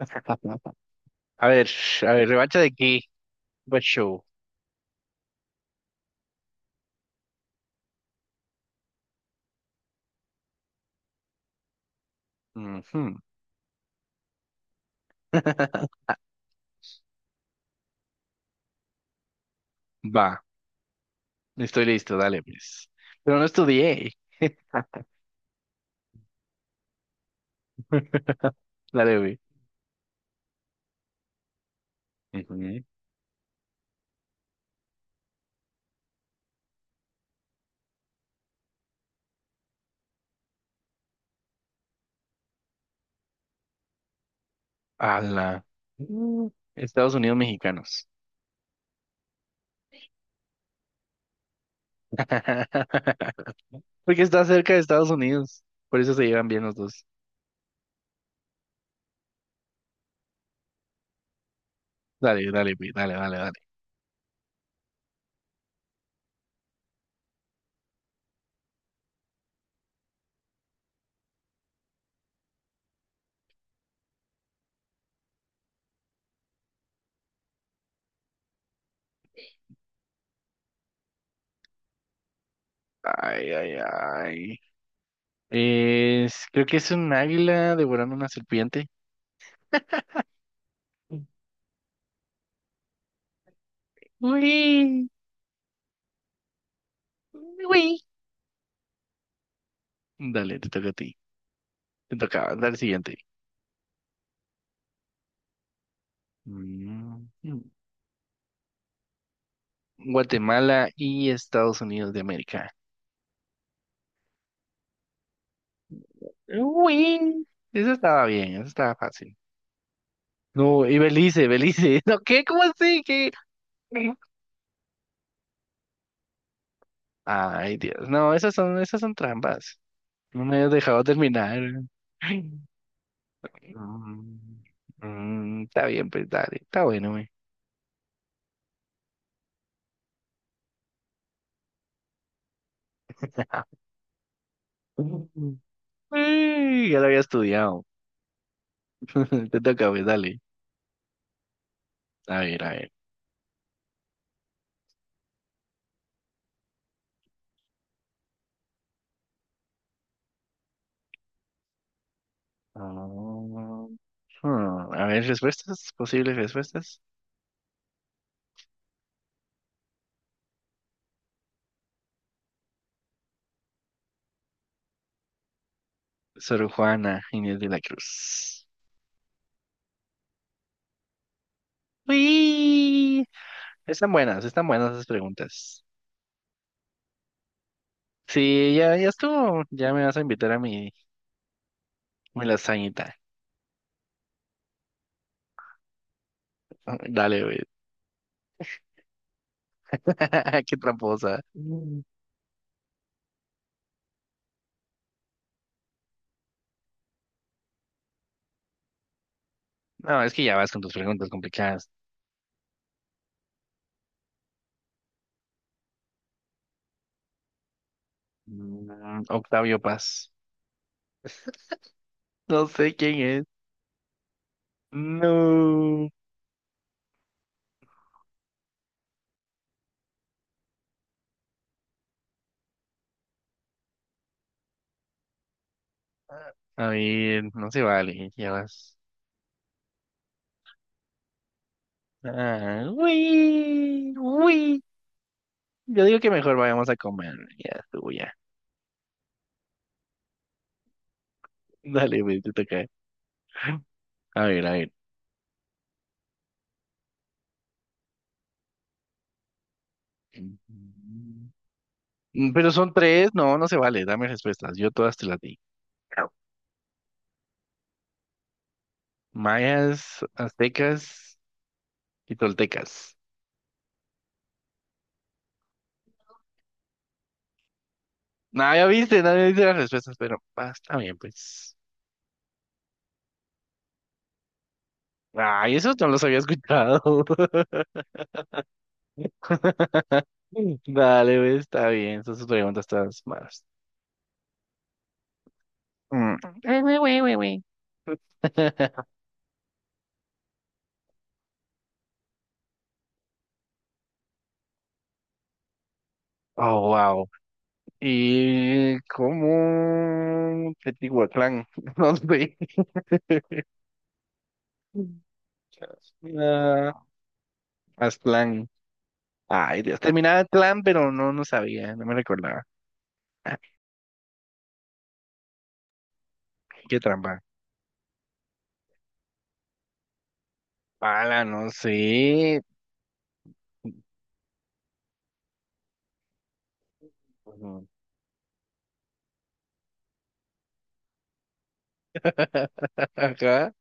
A ver, a ver, ¿revancha de qué? What show? Ujú. Va, estoy listo, dale, pues. Pero no estudié. Dale, güey. Ujú. Ala. Mm, Estados Unidos mexicanos. Porque está cerca de Estados Unidos. Por eso se llevan bien los dos. Dale, dale, güey, dale, dale, dale. Ay, ay, ay. Creo que es un águila devorando una serpiente. Uy, uy. Dale, te toca a ti. Te toca, dale siguiente. Mm, mm. Guatemala y Estados Unidos de América. Uy, eso estaba bien, eso estaba fácil. No, y Belice, Belice. No, ¿qué? ¿Cómo así? ¿Qué? Ay, Dios. No, esas son trampas. No me hayas dejado terminar. Ay. Mm, Está bien, pues dale. Está bueno, güey. Uy, ya lo había estudiado. Te toca, pues dale. A ver, a ver. Ah, A ver, respuestas, posibles respuestas. Sor Juana Inés de la Cruz. Uy, están buenas esas preguntas. Sí, ya, ya estuvo. Ya me vas a invitar a mi lasañita. Dale, güey. Qué tramposa. Mm. No, es que ya vas con tus preguntas complicadas. Octavio Paz. No sé quién es. No. A ver, no se vale, ya vas. Ah, uy, uy. Yo digo que mejor vayamos a comer. Ya estuvo, ya. Dale, güey, te toca. A ver, a ver. Pero son tres, no, no se vale. Dame respuestas. Yo todas te las di. Mayas, aztecas y toltecas. No, ya viste, nadie dice las respuestas, pero está bien, pues. Ay, eso no los había escuchado. Dale, güey, está bien. Esas preguntas están más. Mm. Oh, wow. ¿Y cómo Teotihuacán? No sé. Ah, Aztlán. Ay, Dios. Terminaba clan, pero no, no sabía, no me recordaba. Ah, qué trampa. Pala, no sé. Ujú.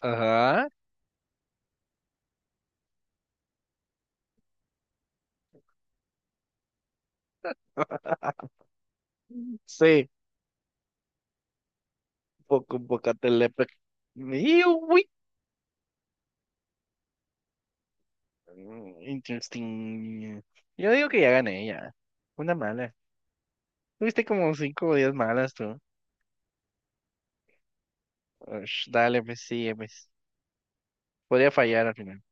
Ajá, ajá. Sí, poco, poco, telepec. Interesting. Yo digo que ya gané, ya. Una mala. Tuviste como cinco o diez malas tú. Ush, dale, pues sí, pues. Podría fallar al final.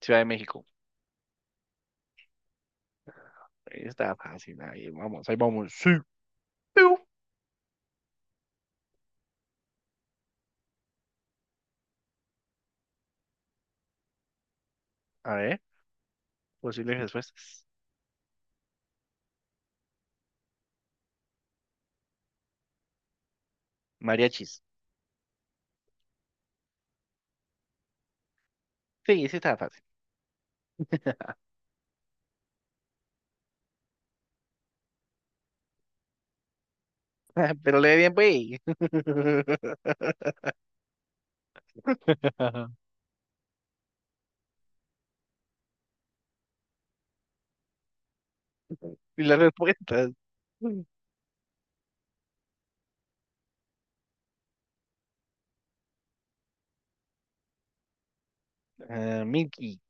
Ciudad de México. Ahí está fácil. Ahí vamos, ahí vamos. Sí. Piu. A ver, posibles respuestas. Mariachis. Sí, sí estaba fácil. Pero le di bien, güey. Y las respuestas. Ah, Mickey.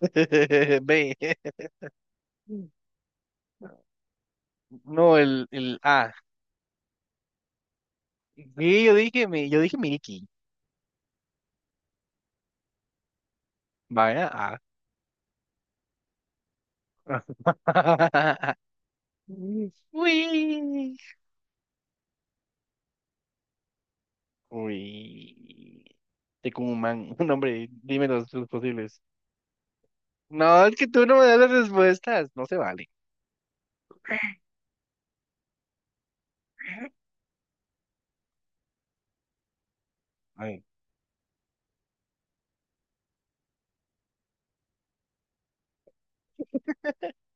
B. No, el A. Y yo dije, yo dije Milky, ¿vale? Ah. Uy. Uy. Tecumán, un hombre, dime los sus posibles. No, es que tú no me das las respuestas, no se vale. Ay.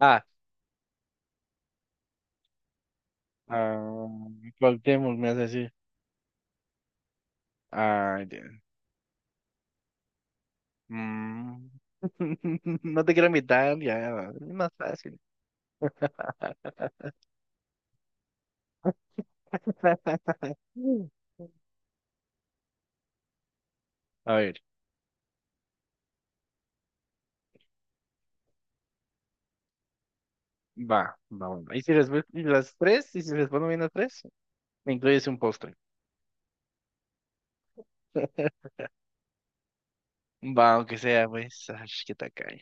Ah, ah, Cuauhtémoc me hace así. Ah, ya. Mm. No te quiero invitar, ya, es más fácil. A ver. Va, va, bueno. Y si les ves- y las tres, y si les pongo bien las tres, me incluyes un postre. Va, aunque sea, pues. Ay, qué tacaño.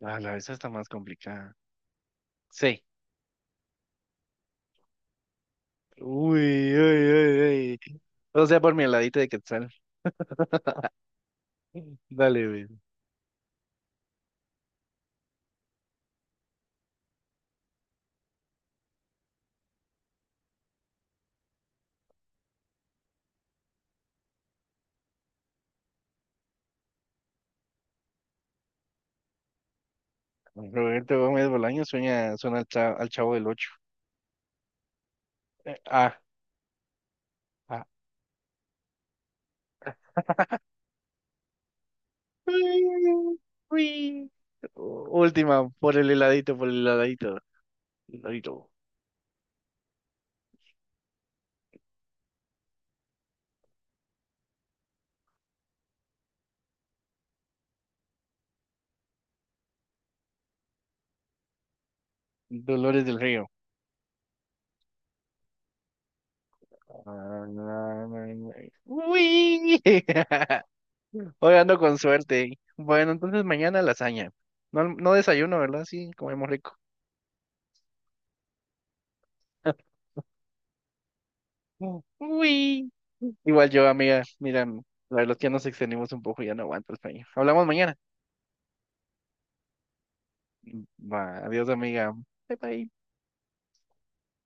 Ah, la vez está más complicada. Sí. Uy, uy, uy, uy. O sea, por mi heladito de Quetzal. Dale, güey. Roberto Gómez Bolaño suena al Chavo del Ocho. Ah, ah. Uy. Uy. Última, por el heladito, por el heladito. Heladito. Dolores del Río. Uy. Hoy ando con suerte. Bueno, entonces mañana lasaña. No, no desayuno, ¿verdad? Sí, comemos rico. Uy. Igual yo, amiga. Mira, la verdad es que ya nos extendimos un poco y ya no aguanto el sueño. Hablamos mañana. Va, adiós, amiga. Bye, bye.